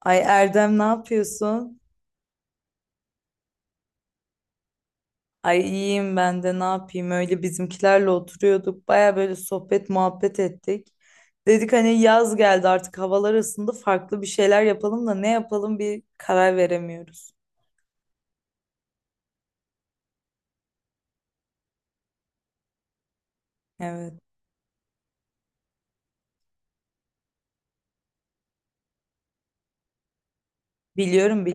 Ay Erdem ne yapıyorsun? Ay iyiyim ben de ne yapayım? Öyle bizimkilerle oturuyorduk. Baya böyle sohbet muhabbet ettik. Dedik hani yaz geldi artık havalar ısındı farklı bir şeyler yapalım da ne yapalım bir karar veremiyoruz. Evet. Biliyorum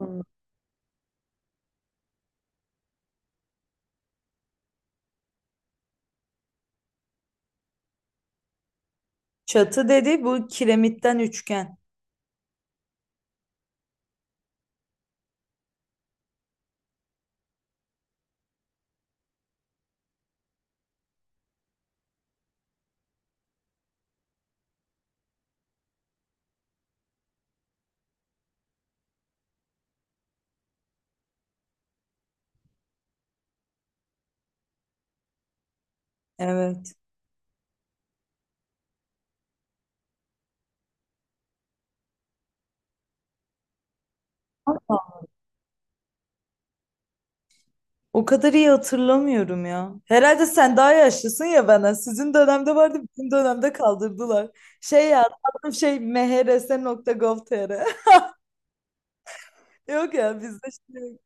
biliyorum. Çatı dedi bu kiremitten üçgen. Evet. O kadar iyi hatırlamıyorum ya. Herhalde sen daha yaşlısın ya bana. Sizin dönemde vardı, bizim dönemde kaldırdılar. Şey ya, şey MHRS nokta mehrs.gov.tr. Yok ya bizde şimdi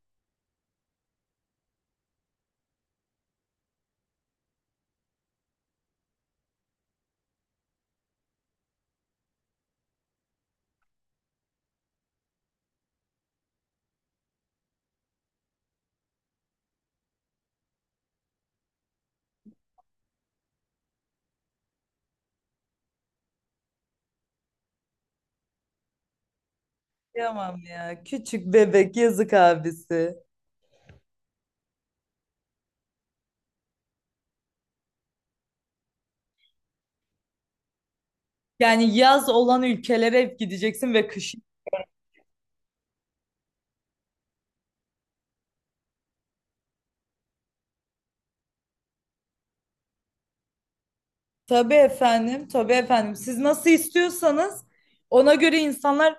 yapamam ya. Küçük bebek yazık abisi. Yani yaz olan ülkelere hep gideceksin ve kış. Tabii efendim, tabii efendim. Siz nasıl istiyorsanız ona göre insanlar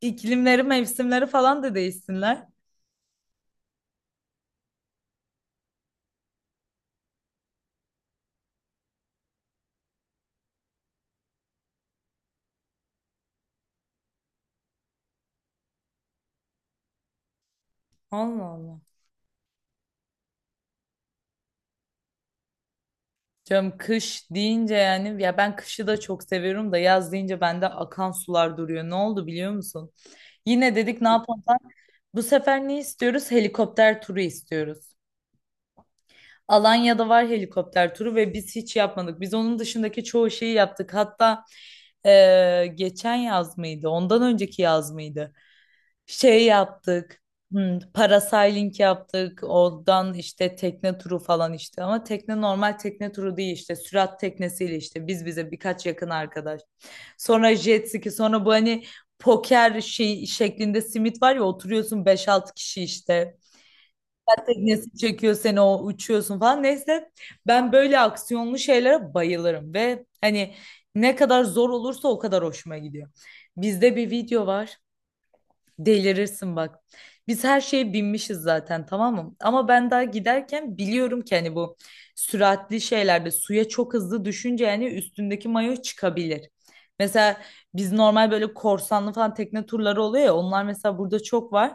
iklimleri, mevsimleri falan da değişsinler. Allah Allah. Canım kış deyince yani ya ben kışı da çok seviyorum da yaz deyince bende akan sular duruyor. Ne oldu biliyor musun? Yine dedik ne yapalım? Bu sefer ne istiyoruz? Helikopter turu istiyoruz. Alanya'da var helikopter turu ve biz hiç yapmadık. Biz onun dışındaki çoğu şeyi yaptık. Hatta geçen yaz mıydı? Ondan önceki yaz mıydı? Şey yaptık. Parasailing yaptık. Oradan işte tekne turu falan işte. Ama tekne normal tekne turu değil işte. Sürat teknesiyle işte. Biz bize birkaç yakın arkadaş. Sonra jet ski. Sonra bu hani poker şey şeklinde simit var ya oturuyorsun beş altı kişi işte. Teknesi çekiyor seni o uçuyorsun falan. Neyse ben böyle aksiyonlu şeylere bayılırım ve hani ne kadar zor olursa o kadar hoşuma gidiyor. Bizde bir video var. Delirirsin bak. Biz her şeye binmişiz zaten tamam mı? Ama ben daha giderken biliyorum ki hani bu süratli şeylerde suya çok hızlı düşünce yani üstündeki mayo çıkabilir. Mesela biz normal böyle korsanlı falan tekne turları oluyor ya onlar mesela burada çok var.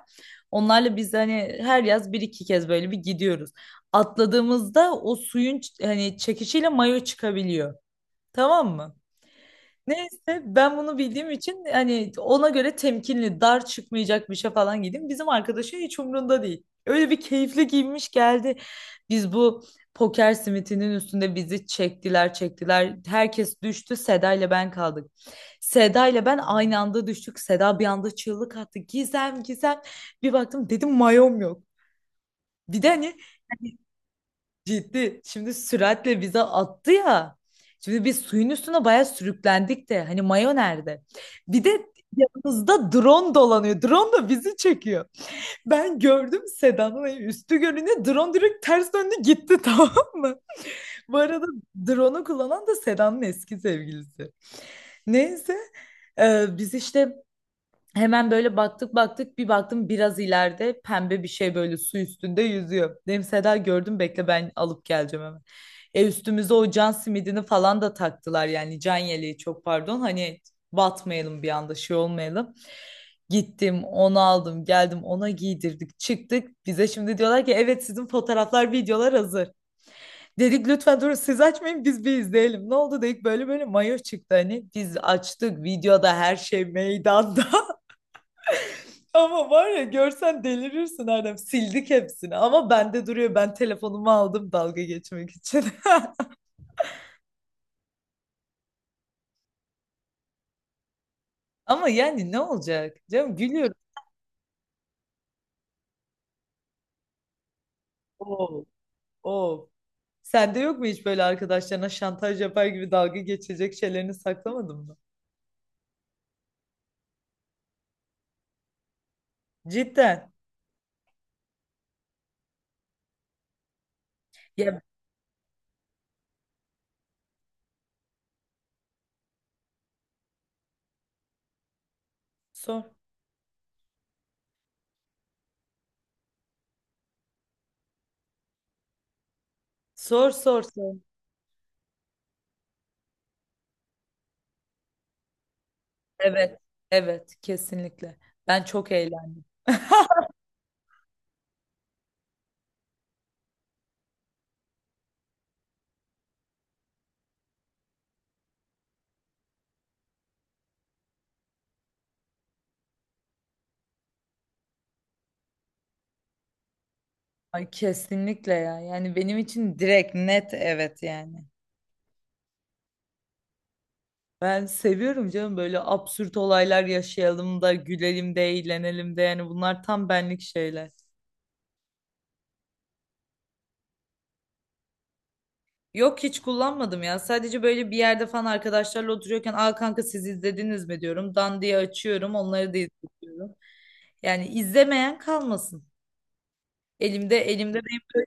Onlarla biz hani her yaz bir iki kez böyle bir gidiyoruz. Atladığımızda o suyun hani çekişiyle mayo çıkabiliyor. Tamam mı? Neyse ben bunu bildiğim için hani ona göre temkinli, dar çıkmayacak bir şey falan giydim. Bizim arkadaşın hiç umrunda değil. Öyle bir keyifli giymiş geldi. Biz bu poker simitinin üstünde bizi çektiler, çektiler. Herkes düştü. Seda ile ben kaldık. Seda ile ben aynı anda düştük. Seda bir anda çığlık attı. Gizem, Gizem. Bir baktım dedim mayom yok. Bir de hani ciddi. Şimdi süratle bize attı ya. Şimdi biz suyun üstüne bayağı sürüklendik de. Hani mayo nerede? Bir de yanımızda drone dolanıyor. Drone da bizi çekiyor. Ben gördüm Seda'nın hani üstü görünüyor. Drone direkt ters döndü gitti tamam mı? Bu arada drone'u kullanan da Seda'nın eski sevgilisi. Neyse. Biz işte hemen böyle baktık baktık bir baktım biraz ileride pembe bir şey böyle su üstünde yüzüyor. Dedim Seda gördüm bekle ben alıp geleceğim hemen. E üstümüze o can simidini falan da taktılar yani can yeleği çok pardon hani batmayalım bir anda şey olmayalım. Gittim onu aldım geldim ona giydirdik çıktık bize şimdi diyorlar ki evet sizin fotoğraflar videolar hazır. Dedik lütfen durun siz açmayın biz bir izleyelim. Ne oldu dedik böyle böyle mayo çıktı hani biz açtık videoda her şey meydanda. Ama var ya görsen delirirsin Erdem. Sildik hepsini ama bende duruyor. Ben telefonumu aldım dalga geçmek için. Ama yani ne olacak? Canım gülüyorum. Oo, oo. Sende yok mu hiç böyle arkadaşlarına şantaj yapar gibi dalga geçecek şeylerini saklamadın mı? Cidden. Ya sor. Sor sor sor. Evet. Evet kesinlikle. Ben çok eğlendim. Ay, kesinlikle ya. Yani benim için direkt net evet yani. Ben seviyorum canım böyle absürt olaylar yaşayalım da gülelim de eğlenelim de yani bunlar tam benlik şeyler. Yok hiç kullanmadım ya. Sadece böyle bir yerde falan arkadaşlarla oturuyorken "Aa kanka siz izlediniz mi?" diyorum. Dan diye açıyorum, onları da izliyorum. Yani izlemeyen kalmasın. Elimde benim böyle,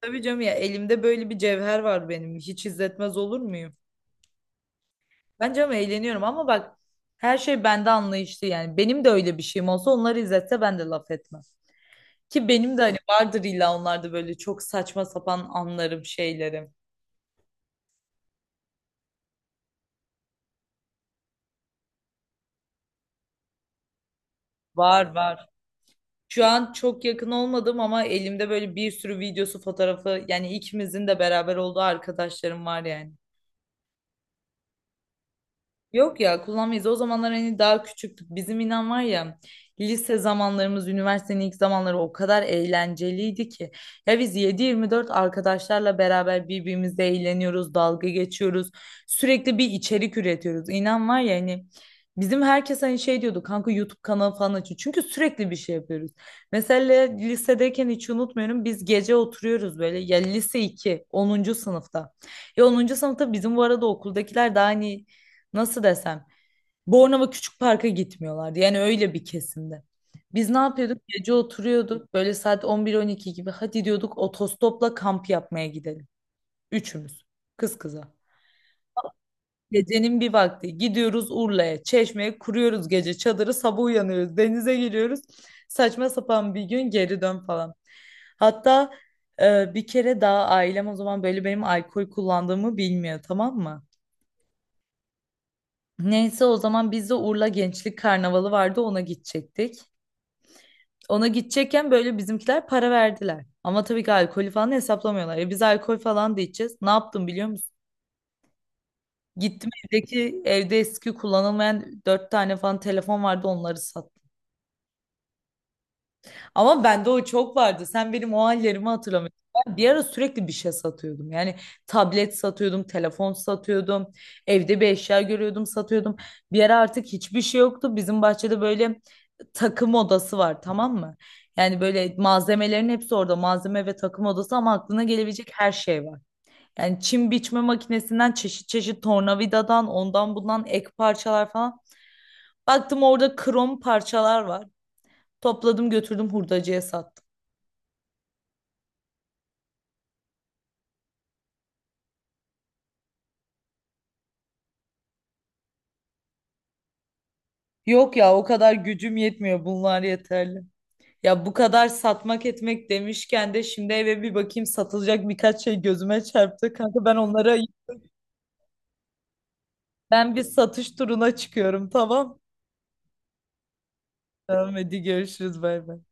tabii canım ya elimde böyle bir cevher var benim. Hiç izletmez olur muyum? Ben canım eğleniyorum ama bak her şey bende anlayışlı yani. Benim de öyle bir şeyim olsa onları izletse ben de laf etmem. Ki benim de hani vardır illa onlarda böyle çok saçma sapan anlarım, şeylerim. Var var. Şu an çok yakın olmadım ama elimde böyle bir sürü videosu, fotoğrafı yani ikimizin de beraber olduğu arkadaşlarım var yani. Yok ya kullanmayız. O zamanlar hani daha küçüktük. Bizim inan var ya lise zamanlarımız, üniversitenin ilk zamanları o kadar eğlenceliydi ki. Ya biz 7-24 arkadaşlarla beraber birbirimizle eğleniyoruz, dalga geçiyoruz. Sürekli bir içerik üretiyoruz. İnan var ya hani bizim herkes hani şey diyordu kanka YouTube kanalı falan açın. Çünkü sürekli bir şey yapıyoruz. Mesela lisedeyken hiç unutmuyorum biz gece oturuyoruz böyle ya lise 2 10. sınıfta. Ya 10. sınıfta bizim bu arada okuldakiler daha hani nasıl desem Bornova Küçük Park'a gitmiyorlardı. Yani öyle bir kesimde. Biz ne yapıyorduk? Gece oturuyorduk. Böyle saat 11-12 gibi. Hadi diyorduk otostopla kamp yapmaya gidelim. Üçümüz. Kız kıza. Gecenin bir vakti gidiyoruz Urla'ya, Çeşme'ye kuruyoruz gece çadırı. Sabah uyanıyoruz, denize giriyoruz. Saçma sapan bir gün geri dön falan. Hatta bir kere daha ailem o zaman böyle benim alkol kullandığımı bilmiyor tamam mı? Neyse o zaman biz de Urla Gençlik Karnavalı vardı ona gidecektik. Ona gidecekken böyle bizimkiler para verdiler. Ama tabii ki alkolü falan hesaplamıyorlar. E biz alkol falan da içeceğiz. Ne yaptım biliyor musun? Gittim evdeki evde eski kullanılmayan dört tane falan telefon vardı onları sattım. Ama bende o çok vardı. Sen benim o hallerimi hatırlamıyorsun. Ben bir ara sürekli bir şey satıyordum. Yani tablet satıyordum, telefon satıyordum. Evde bir eşya görüyordum, satıyordum. Bir ara artık hiçbir şey yoktu. Bizim bahçede böyle takım odası var, tamam mı? Yani böyle malzemelerin hepsi orada. Malzeme ve takım odası ama aklına gelebilecek her şey var. Yani çim biçme makinesinden çeşit çeşit tornavidadan ondan bundan ek parçalar falan. Baktım orada krom parçalar var. Topladım götürdüm hurdacıya sattım. Yok ya o kadar gücüm yetmiyor. Bunlar yeterli. Ya bu kadar satmak etmek demişken de şimdi eve bir bakayım satılacak birkaç şey gözüme çarptı. Kanka ben onlara ben bir satış turuna çıkıyorum tamam. Tamam hadi görüşürüz bay bay.